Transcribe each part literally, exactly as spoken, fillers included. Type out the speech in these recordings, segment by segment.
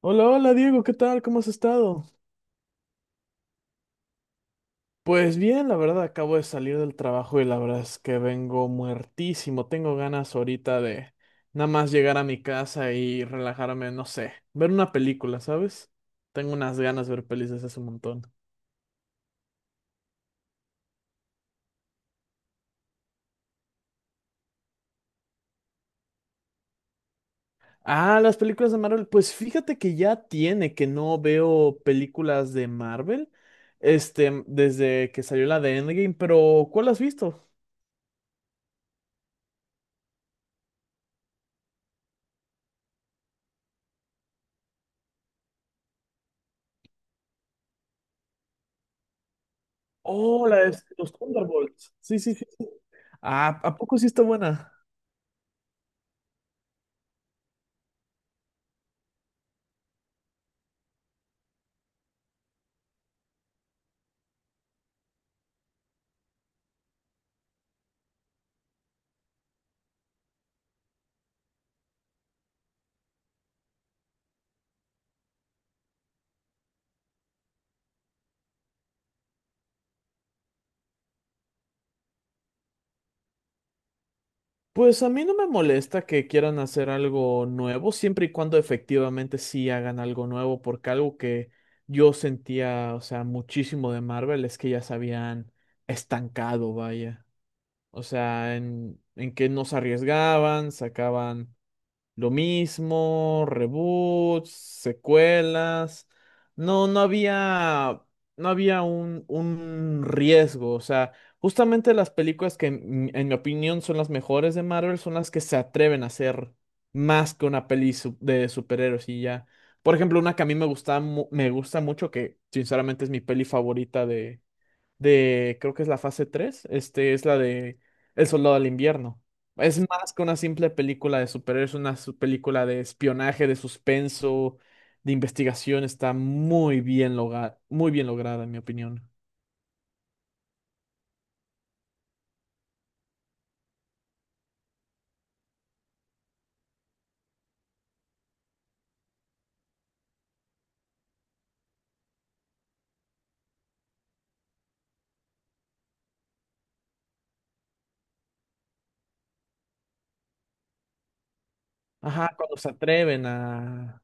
Hola, hola Diego, ¿qué tal? ¿Cómo has estado? Pues bien, la verdad, acabo de salir del trabajo y la verdad es que vengo muertísimo. Tengo ganas ahorita de nada más llegar a mi casa y relajarme, no sé, ver una película, ¿sabes? Tengo unas ganas de ver pelis desde hace un montón. Ah, las películas de Marvel. Pues fíjate que ya tiene que no veo películas de Marvel, este, desde que salió la de Endgame, pero ¿cuál has visto? Oh, la de los Thunderbolts. Sí, sí, sí. Sí. Ah, ¿a poco sí está buena? Pues a mí no me molesta que quieran hacer algo nuevo, siempre y cuando efectivamente sí hagan algo nuevo, porque algo que yo sentía, o sea, muchísimo de Marvel es que ya se habían estancado, vaya. O sea, en, en que no se arriesgaban, sacaban lo mismo, reboots, secuelas. No, no había, no había un, un riesgo. O sea, justamente las películas que en, en mi opinión son las mejores de Marvel son las que se atreven a hacer más que una peli su- de superhéroes y ya. Por ejemplo, una que a mí me gusta, mu- me gusta mucho, que sinceramente es mi peli favorita de, creo que es la fase tres este es la de El Soldado del Invierno. Es más que una simple película de superhéroes, una su- película de espionaje, de suspenso, de investigación, está muy bien logra- muy bien lograda, en mi opinión. Ajá, cuando se atreven a,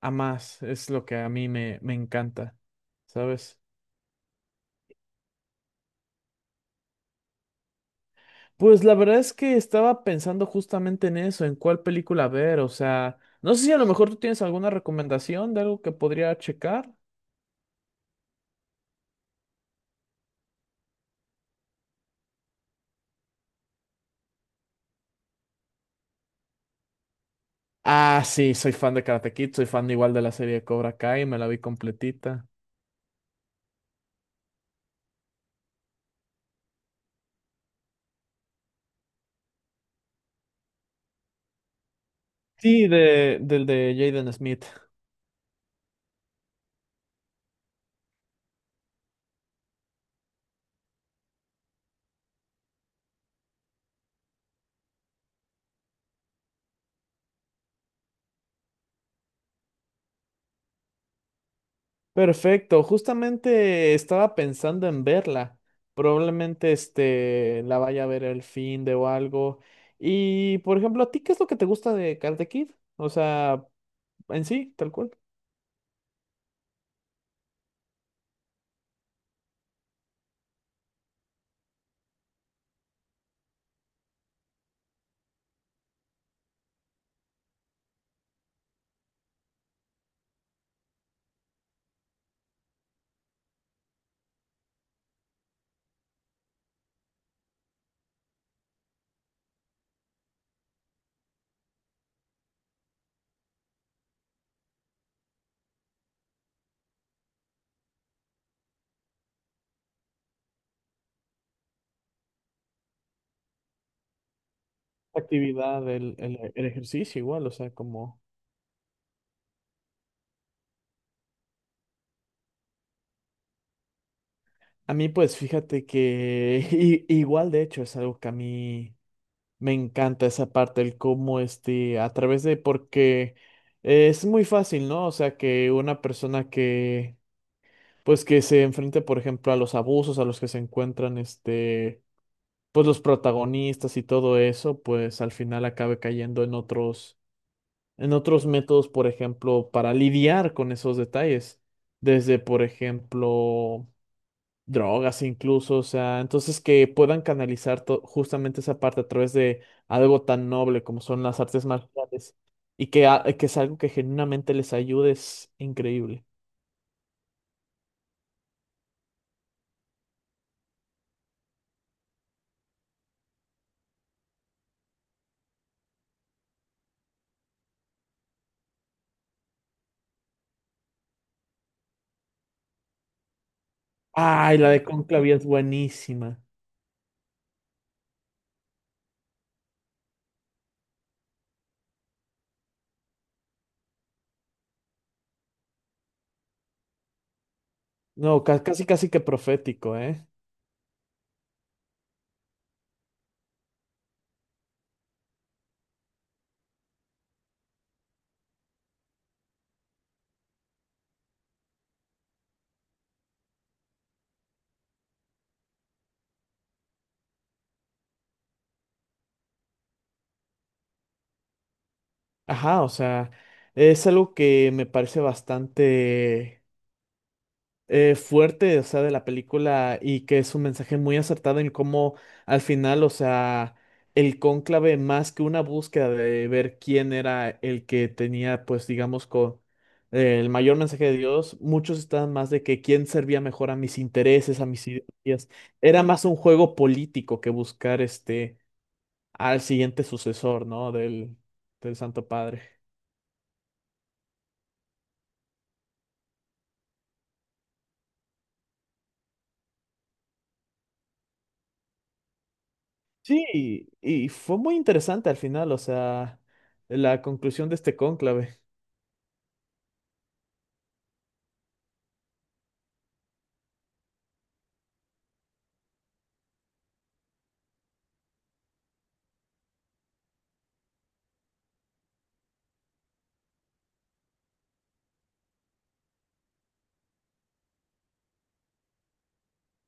a más, es lo que a mí me, me encanta, ¿sabes? Pues la verdad es que estaba pensando justamente en eso, en cuál película ver, o sea, no sé si a lo mejor tú tienes alguna recomendación de algo que podría checar. Ah, sí, soy fan de Karate Kid, soy fan igual de la serie de Cobra Kai, me la vi completita. Sí, de, del de Jaden Smith. Perfecto, justamente estaba pensando en verla. Probablemente este la vaya a ver el fin de o algo. Y por ejemplo, ¿a ti qué es lo que te gusta de Karate Kid? O sea, en sí, tal cual. La actividad, el, el, el ejercicio igual, o sea, como... A mí pues fíjate que i- igual de hecho es algo que a mí me encanta esa parte, el cómo este, a través de, porque eh, es muy fácil, ¿no? O sea, que una persona que, pues que se enfrente, por ejemplo, a los abusos a los que se encuentran, este, pues los protagonistas y todo eso, pues al final acabe cayendo en otros, en otros métodos, por ejemplo, para lidiar con esos detalles. Desde, por ejemplo, drogas incluso, o sea, entonces que puedan canalizar to- justamente esa parte a través de algo tan noble como son las artes marciales y que, a- que es algo que genuinamente les ayude es increíble. Ay, la de Conclavia es buenísima. No, ca- casi casi que profético, ¿eh? Ajá, o sea, es algo que me parece bastante eh, fuerte, o sea, de la película y que es un mensaje muy acertado en cómo al final, o sea, el cónclave más que una búsqueda de ver quién era el que tenía, pues, digamos, con el mayor mensaje de Dios, muchos estaban más de que quién servía mejor a mis intereses, a mis ideas. Era más un juego político que buscar este al siguiente sucesor, ¿no? Del, del Santo Padre. Sí, y y fue muy interesante al final, o sea, la conclusión de este cónclave.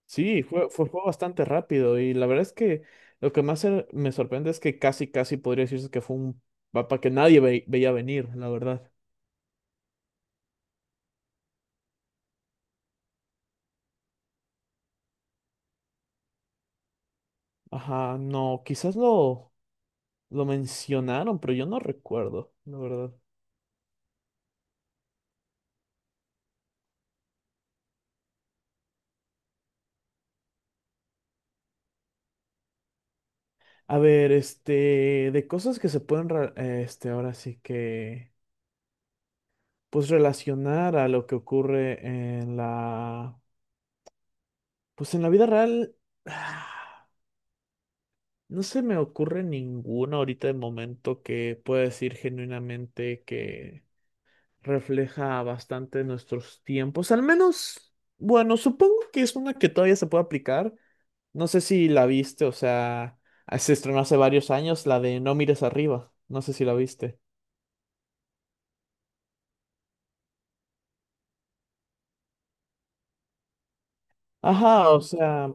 Sí, fue, fue, fue bastante rápido y la verdad es que lo que más se- me sorprende es que casi, casi podría decirse que fue un mapa que nadie ve- veía venir, la verdad. Ajá, no, quizás lo, lo mencionaron, pero yo no recuerdo, la verdad. A ver, este, de cosas que se pueden, re- este, ahora sí que, pues relacionar a lo que ocurre en la, pues en la vida real. No se me ocurre ninguno ahorita de momento que pueda decir genuinamente que refleja bastante nuestros tiempos. Al menos, bueno, supongo que es una que todavía se puede aplicar. No sé si la viste, o sea, ah, se estrenó hace varios años, la de No mires arriba. No sé si la viste. Ajá, o sea,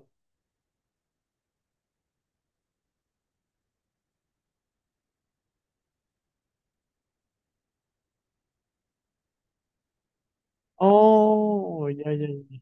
oh, ya, ya, ya.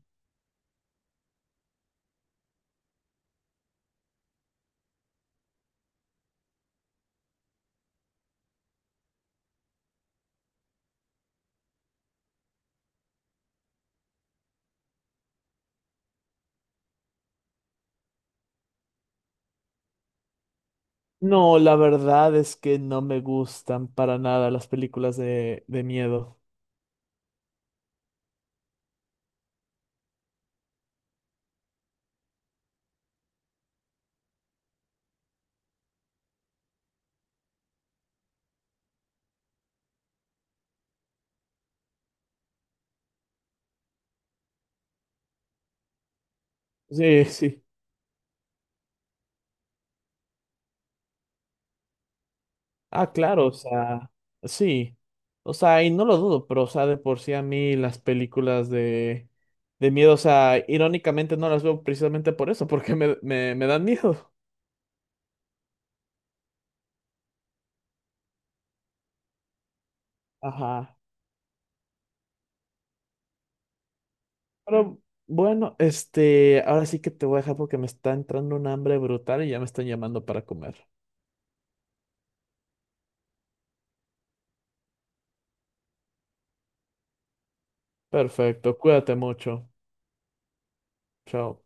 No, la verdad es que no me gustan para nada las películas de, de miedo. Sí, sí. Ah, claro, o sea, sí. O sea, y no lo dudo, pero, o sea, de por sí a mí las películas de, de miedo, o sea, irónicamente no las veo precisamente por eso, porque me, me, me dan miedo. Ajá. Pero bueno, este, ahora sí que te voy a dejar porque me está entrando un hambre brutal y ya me están llamando para comer. Perfecto, cuídate mucho. Chao.